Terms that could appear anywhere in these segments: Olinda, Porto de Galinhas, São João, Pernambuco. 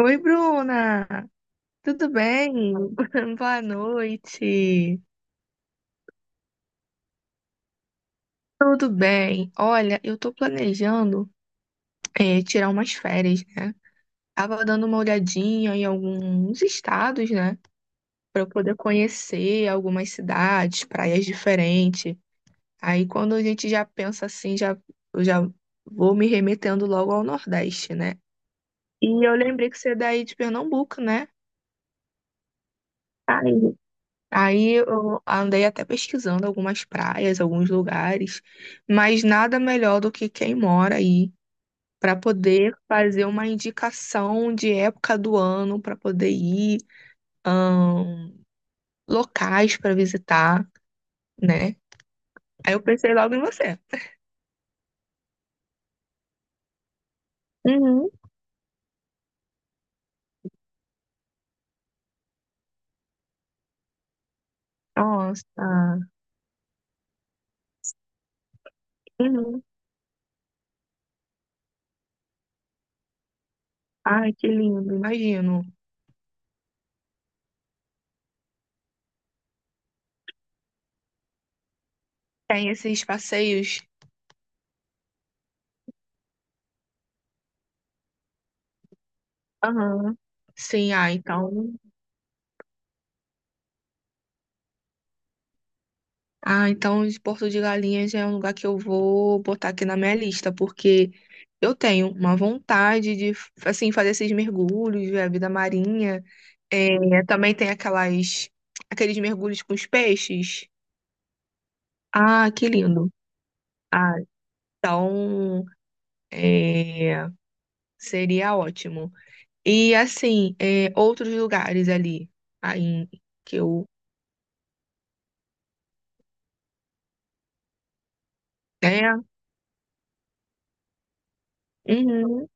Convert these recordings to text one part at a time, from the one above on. Oi, Bruna! Tudo bem? Boa noite! Tudo bem? Olha, eu tô planejando tirar umas férias, né? Tava dando uma olhadinha em alguns estados, né? Pra eu poder conhecer algumas cidades, praias diferentes. Aí quando a gente já pensa assim, já, eu já vou me remetendo logo ao Nordeste, né? E eu lembrei que você é daí de Pernambuco, né? Ai, aí eu andei até pesquisando algumas praias, alguns lugares, mas nada melhor do que quem mora aí para poder fazer uma indicação de época do ano para poder ir, ahn, locais para visitar, né? Aí eu pensei logo em você. Uhum. Nossa. Uhum. Ai, que lindo, imagino. Tem esses passeios. Aham. Sim, ah, então. Ah, então esse Porto de Galinhas é um lugar que eu vou botar aqui na minha lista, porque eu tenho uma vontade de, assim, fazer esses mergulhos, ver a vida marinha. É, também tem aquelas, aqueles mergulhos com os peixes. Ah, que lindo. Ah, então, é, seria ótimo. E, assim, é, outros lugares ali, aí, que eu... É, uhum.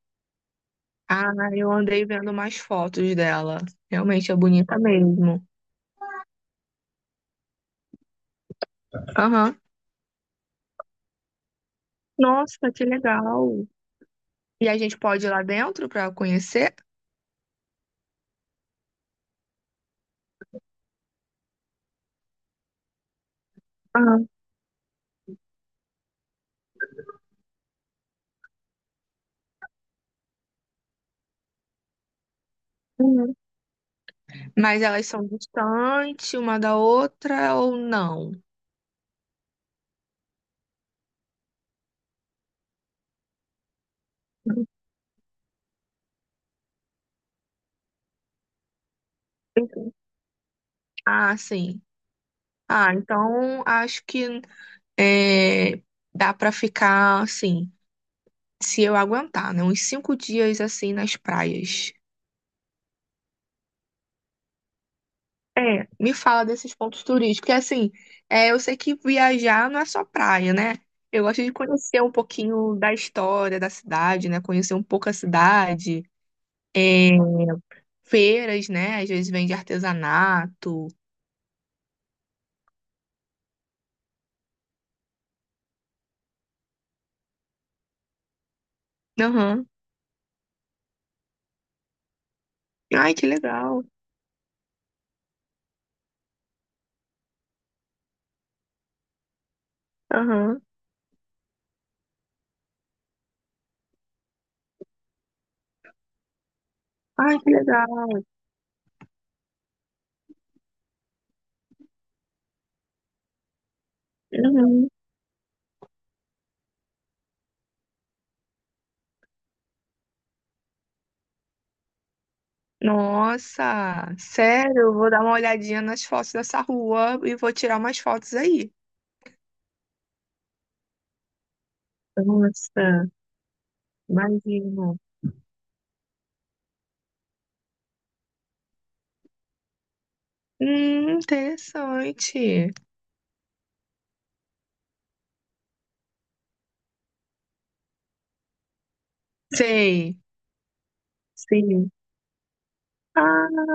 Ah, eu andei vendo mais fotos dela. Realmente é bonita mesmo. Aham. Nossa, que legal. E a gente pode ir lá dentro pra conhecer, Ah, uhum. Mas elas são distantes uma da outra ou não? Ah, sim. Ah, então acho que é, dá pra ficar assim, se eu aguentar, né? Uns 5 dias assim nas praias. É, me fala desses pontos turísticos. Porque, assim, é, eu sei que viajar não é só praia, né? Eu gosto de conhecer um pouquinho da história da cidade, né? Conhecer um pouco a cidade. É, feiras, né? Às vezes vende artesanato. Aham. Ai, que legal. Aham. Ai, que legal. Uhum. Nossa, sério, eu vou dar uma olhadinha nas fotos dessa rua e vou tirar umas fotos aí. Nossa, imagino. Interessante. Sim, sim. Ah,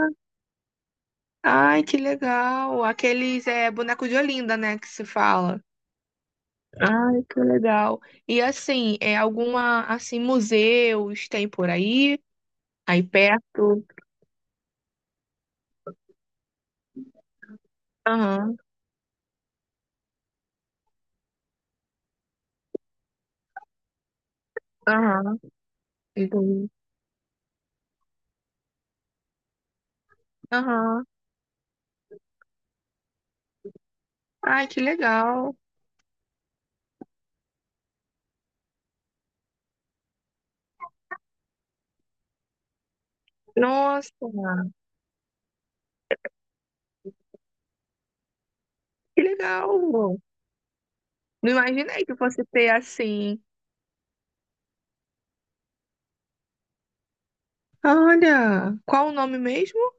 ai, que legal. Aqueles é boneco de Olinda, né, que se fala. Ai, que legal. E assim, é alguma assim museus tem por aí, aí perto. Aham, aham, entendi. Aham. Ai, que legal. Nossa, que legal. Não imaginei que fosse ter assim. Olha, qual o nome mesmo?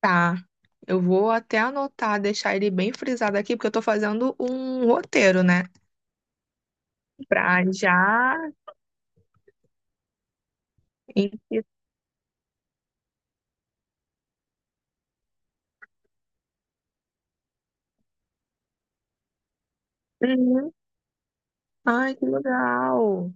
Tá. Eu vou até anotar, deixar ele bem frisado aqui, porque eu tô fazendo um roteiro, né? Pra já. em- Uhum. Ai, que legal!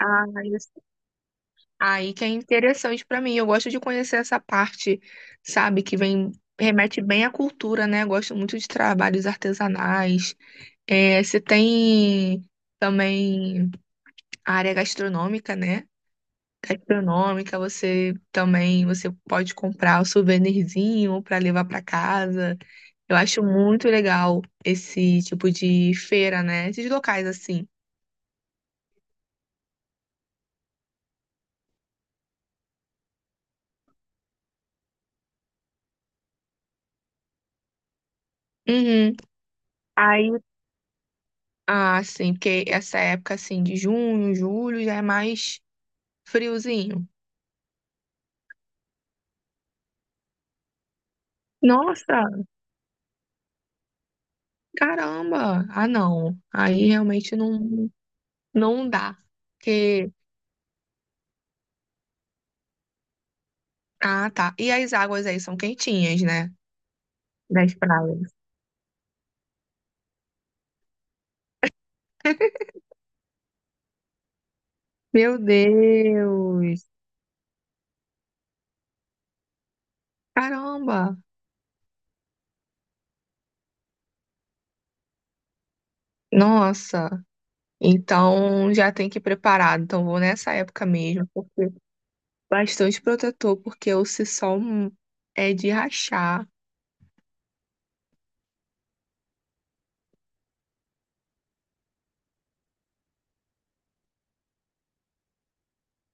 Ah, isso- Aí que é interessante pra mim. Eu gosto de conhecer essa parte, sabe, que vem remete bem à cultura, né? Gosto muito de trabalhos artesanais. É, você tem também a área gastronômica, né? Gastronômica, você pode comprar o souvenirzinho para levar para casa. Eu acho muito legal esse tipo de feira, né? Esses locais assim. Uhum. Aí, ah, sim, porque essa época assim de junho, julho já é mais friozinho. Nossa, caramba. Ah, não. Aí realmente não dá. Porque ah, tá. E as águas aí são quentinhas, né? Das praias. Meu Deus. Caramba! Nossa! Então já tem que ir preparado. Então vou nessa época mesmo, porque bastante protetor, porque o sol é de rachar.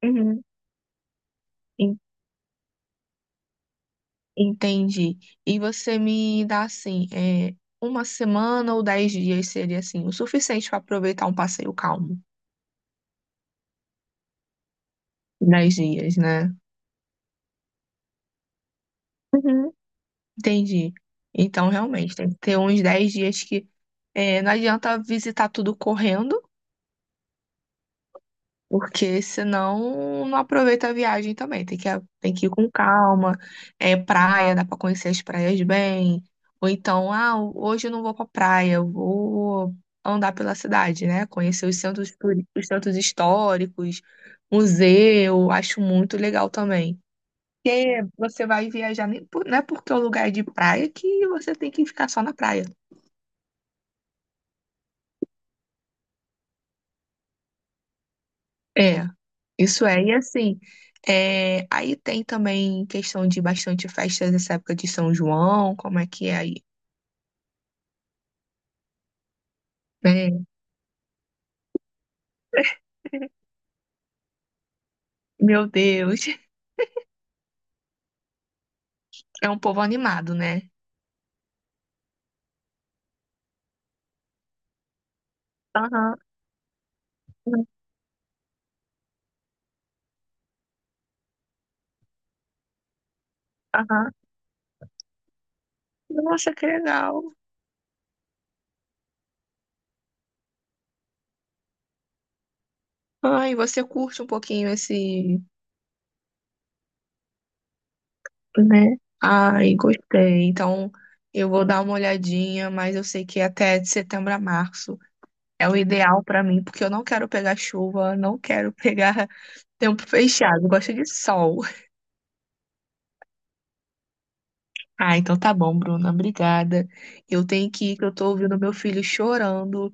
Uhum. En- Entendi. E você me dá assim, é, uma semana ou 10 dias seria assim, o suficiente para aproveitar um passeio calmo. 10 dias, né? Uhum. Entendi. Então realmente tem que ter uns 10 dias que é, não adianta visitar tudo correndo. Porque senão não aproveita a viagem também. Tem que ir com calma. É praia, dá pra conhecer as praias bem. Ou então, ah, hoje eu não vou pra praia, eu vou andar pela cidade, né? Conhecer os centros, os centros históricos, museu, acho muito legal também. Porque você vai viajar, nem por- não é porque é um lugar é de praia que você tem que ficar só na praia. É, isso é. E assim, é, aí tem também questão de bastante festas nessa época de São João, como é que é aí? É, meu Deus, é um povo animado, né? Aham, aham. Nossa, que legal. Ai, você curte um pouquinho esse, né? Ai, gostei. Então, eu vou dar uma olhadinha, mas eu sei que até de setembro a março é o ideal pra mim, porque eu não quero pegar chuva, não quero pegar tempo fechado, eu gosto de sol. Ah, então tá bom, Bruna. Obrigada. Eu tenho que ir, que eu tô ouvindo meu filho chorando.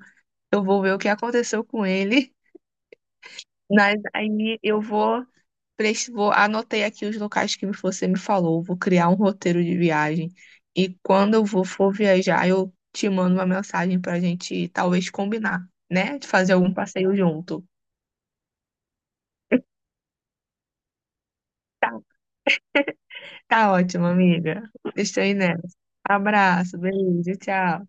Eu vou ver o que aconteceu com ele. Mas aí eu vou, vou anotei aqui os locais que você me falou. Vou criar um roteiro de viagem. E quando eu vou for viajar, eu te mando uma mensagem pra gente talvez combinar, né? De fazer algum passeio junto. Tá ótimo, amiga. Estou aí nessa. Abraço, beijo, tchau.